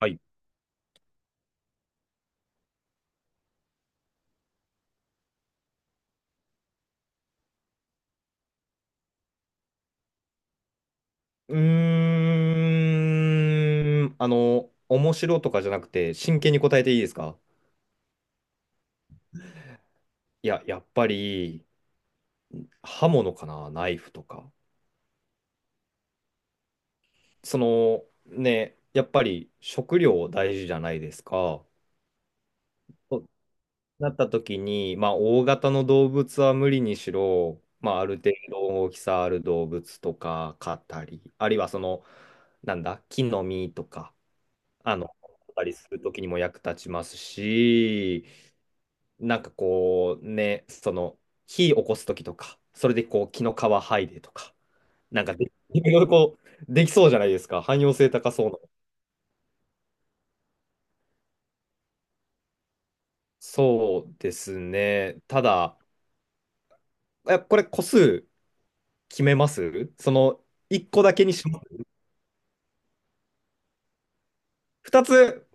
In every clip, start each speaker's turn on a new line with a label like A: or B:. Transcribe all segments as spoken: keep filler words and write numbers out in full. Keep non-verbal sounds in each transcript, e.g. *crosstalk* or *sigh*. A: はい。うーん、あの、面白とかじゃなくて、真剣に答えていいですか？いや、やっぱり、刃物かな、ナイフとか。その、ね、やっぱり食料大事じゃないですか。となった時に、まあ、大型の動物は無理にしろ、まあ、ある程度大きさある動物とか飼ったり、あるいはその、なんだ、木の実とか、あの、飼ったりする時にも役立ちますし、なんかこうね、その火起こす時とか、それでこう木の皮剥いでとか、なんかでいろいろこうできそうじゃないですか。汎用性高そうな。そうですね。ただ、え、これ個数決めます？そのいっこだけにします？ふたつ、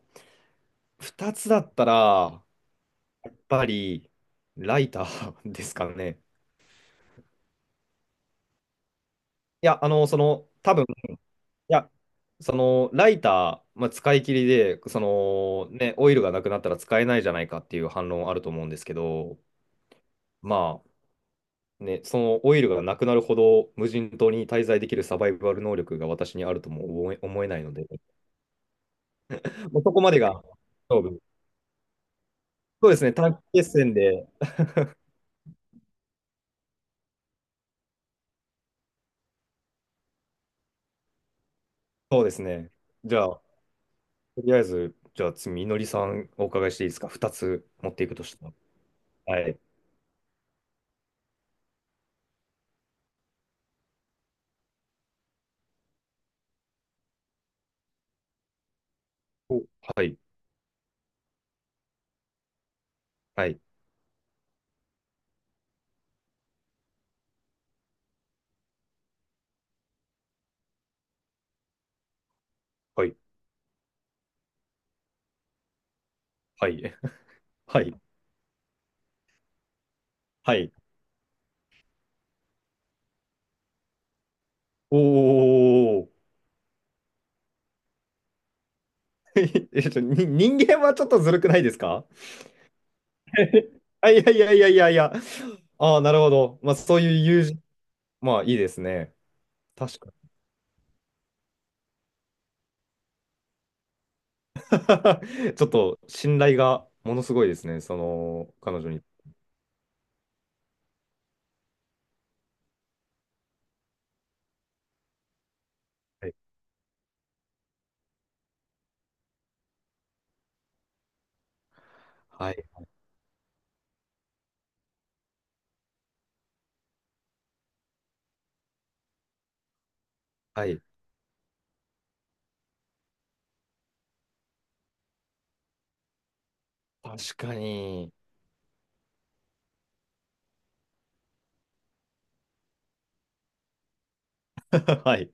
A: ふたつだったら、やっぱりライターですかね。いや、あの、その、多分。いや、そのライター、まあ、使い切りで、そのね、オイルがなくなったら使えないじゃないかっていう反論あると思うんですけど、まあね、そのオイルがなくなるほど無人島に滞在できるサバイバル能力が私にあるとも思え、思えないので、もうそこまでが勝負。そうですね、短期決戦で、そうですね。じゃあ、とりあえず、じゃあ次、みのりさんお伺いしていいですか ?ふた つ持っていくとしたら。はい。おはい、はい、はい、はい、*laughs* はい、はい。おー。*laughs* えっとに人間はちょっとずるくないですか？ *laughs* あ、いやいやいやいやいや。ああ、なるほど。まあ、そういう友人、まあ、いいですね。確かに。*laughs* ちょっと信頼がものすごいですね。その、彼女に。はい。はい。はい。確かに。*laughs* はい。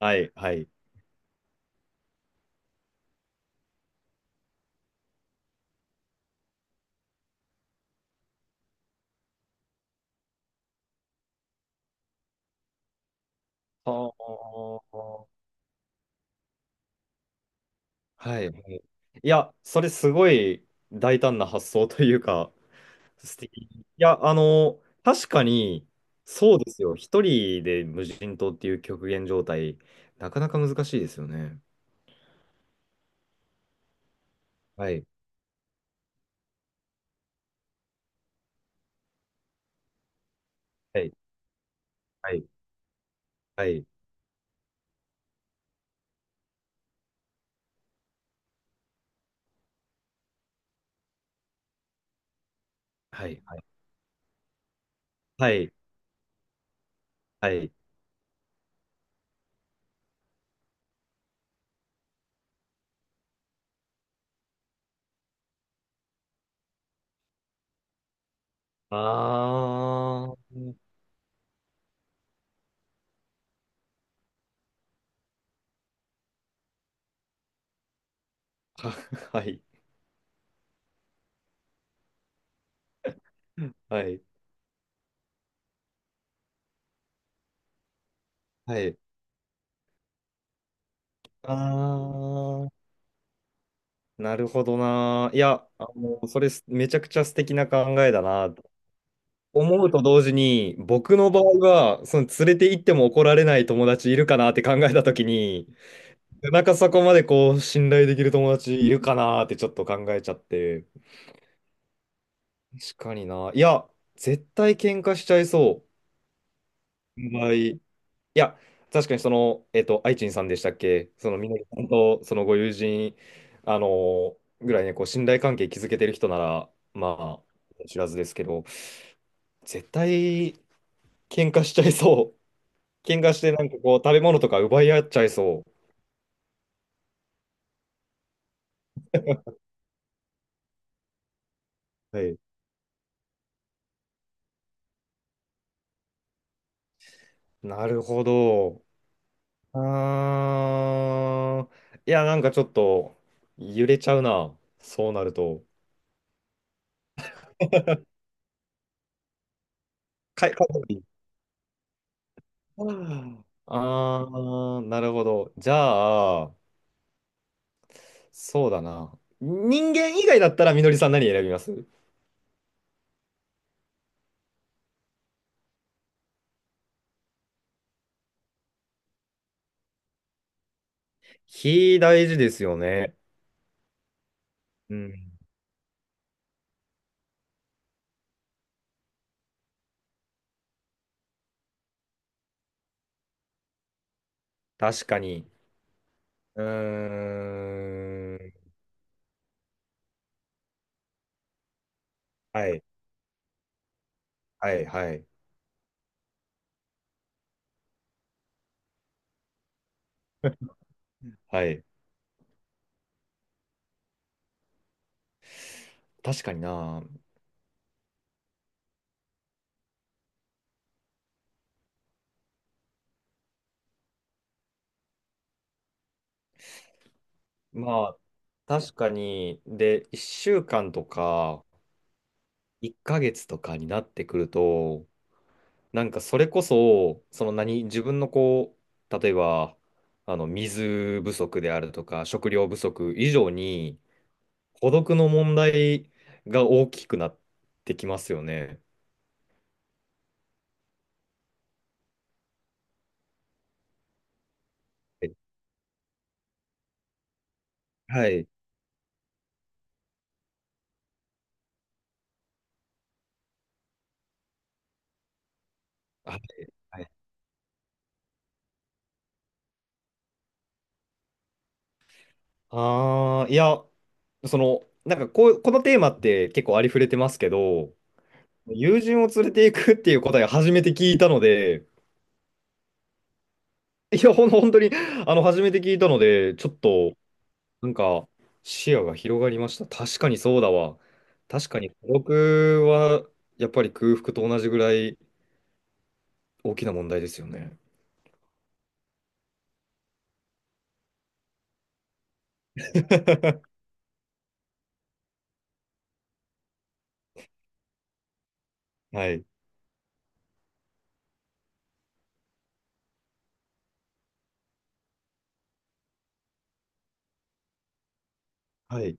A: はい。はい。はあ。はい。はいいや、それすごい大胆な発想というか、素敵。いや、あの、確かに、そうですよ。一人で無人島っていう極限状態、なかなか難しいですよね。はい。はい。はい。はい。はい。はい。はい。あー。ははい。はい。はい。あー。なるほどな。いや、あの、それめちゃくちゃ素敵な考えだな。思うと同時に、僕の場合は、その連れて行っても怒られない友達いるかなって考えたときに、なんかそこまでこう信頼できる友達いるかなーってちょっと考えちゃって。確かにな。いや、絶対喧嘩しちゃいそう。場合。いや、確かにその、えっと、愛知さんでしたっけそのみのりさんとそのご友人、あのーぐらいね、こう信頼関係築けてる人なら、まあ、知らずですけど、絶対喧嘩しちゃいそう。喧嘩してなんかこう食べ物とか奪い合っちゃいそう。はい。なるほど。あー、いや、なんかちょっと揺れちゃうな。そうなると。かい、かい方いい。あー、なるほど。じゃあ、そうだな。人間以外だったらみのりさん何選びます？火大事ですよね。うん。確かに。うーん。はい。はい。はい。*laughs* はい。確かにな。まあ、確かに。で、いっしゅうかんとか、いっかげつとかになってくると、なんかそれこそ、その何、自分のこう、例えば、あの、水不足であるとか、食料不足以上に、孤独の問題が大きくなってきますよね。えはい。はい。はいああ、いや、その、なんかこう、このテーマって結構ありふれてますけど、友人を連れていくっていう答えを初めて聞いたので、いや、ほん、本当に、あの、初めて聞いたので、ちょっと、なんか、視野が広がりました。確かにそうだわ。確かに孤独は、やっぱり空腹と同じぐらい大きな問題ですよね。はい。はい。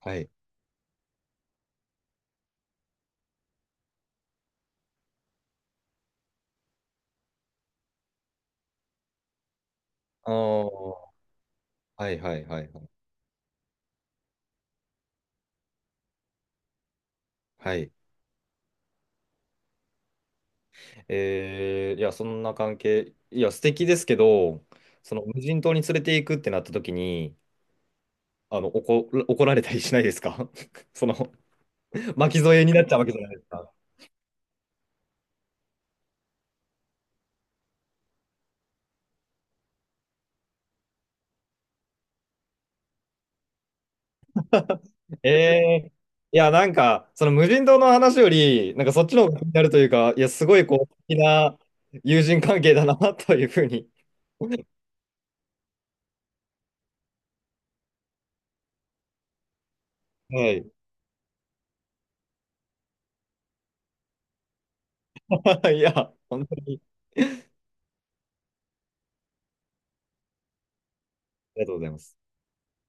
A: はい。ああ、はいはいはいはい。はい。えー、いや、そんな関係、いや、素敵ですけど、その無人島に連れて行くってなった時に、あの、怒、怒られたりしないですか？ *laughs* その、巻き添えになっちゃうわけじゃないですか。えー、いや、なんか、その無人島の話より、なんかそっちの方が気になるというか、いや、すごいこう、素敵な友人関係だな、というふうに。*laughs* はい。*laughs* いや、本当にありがとうございます。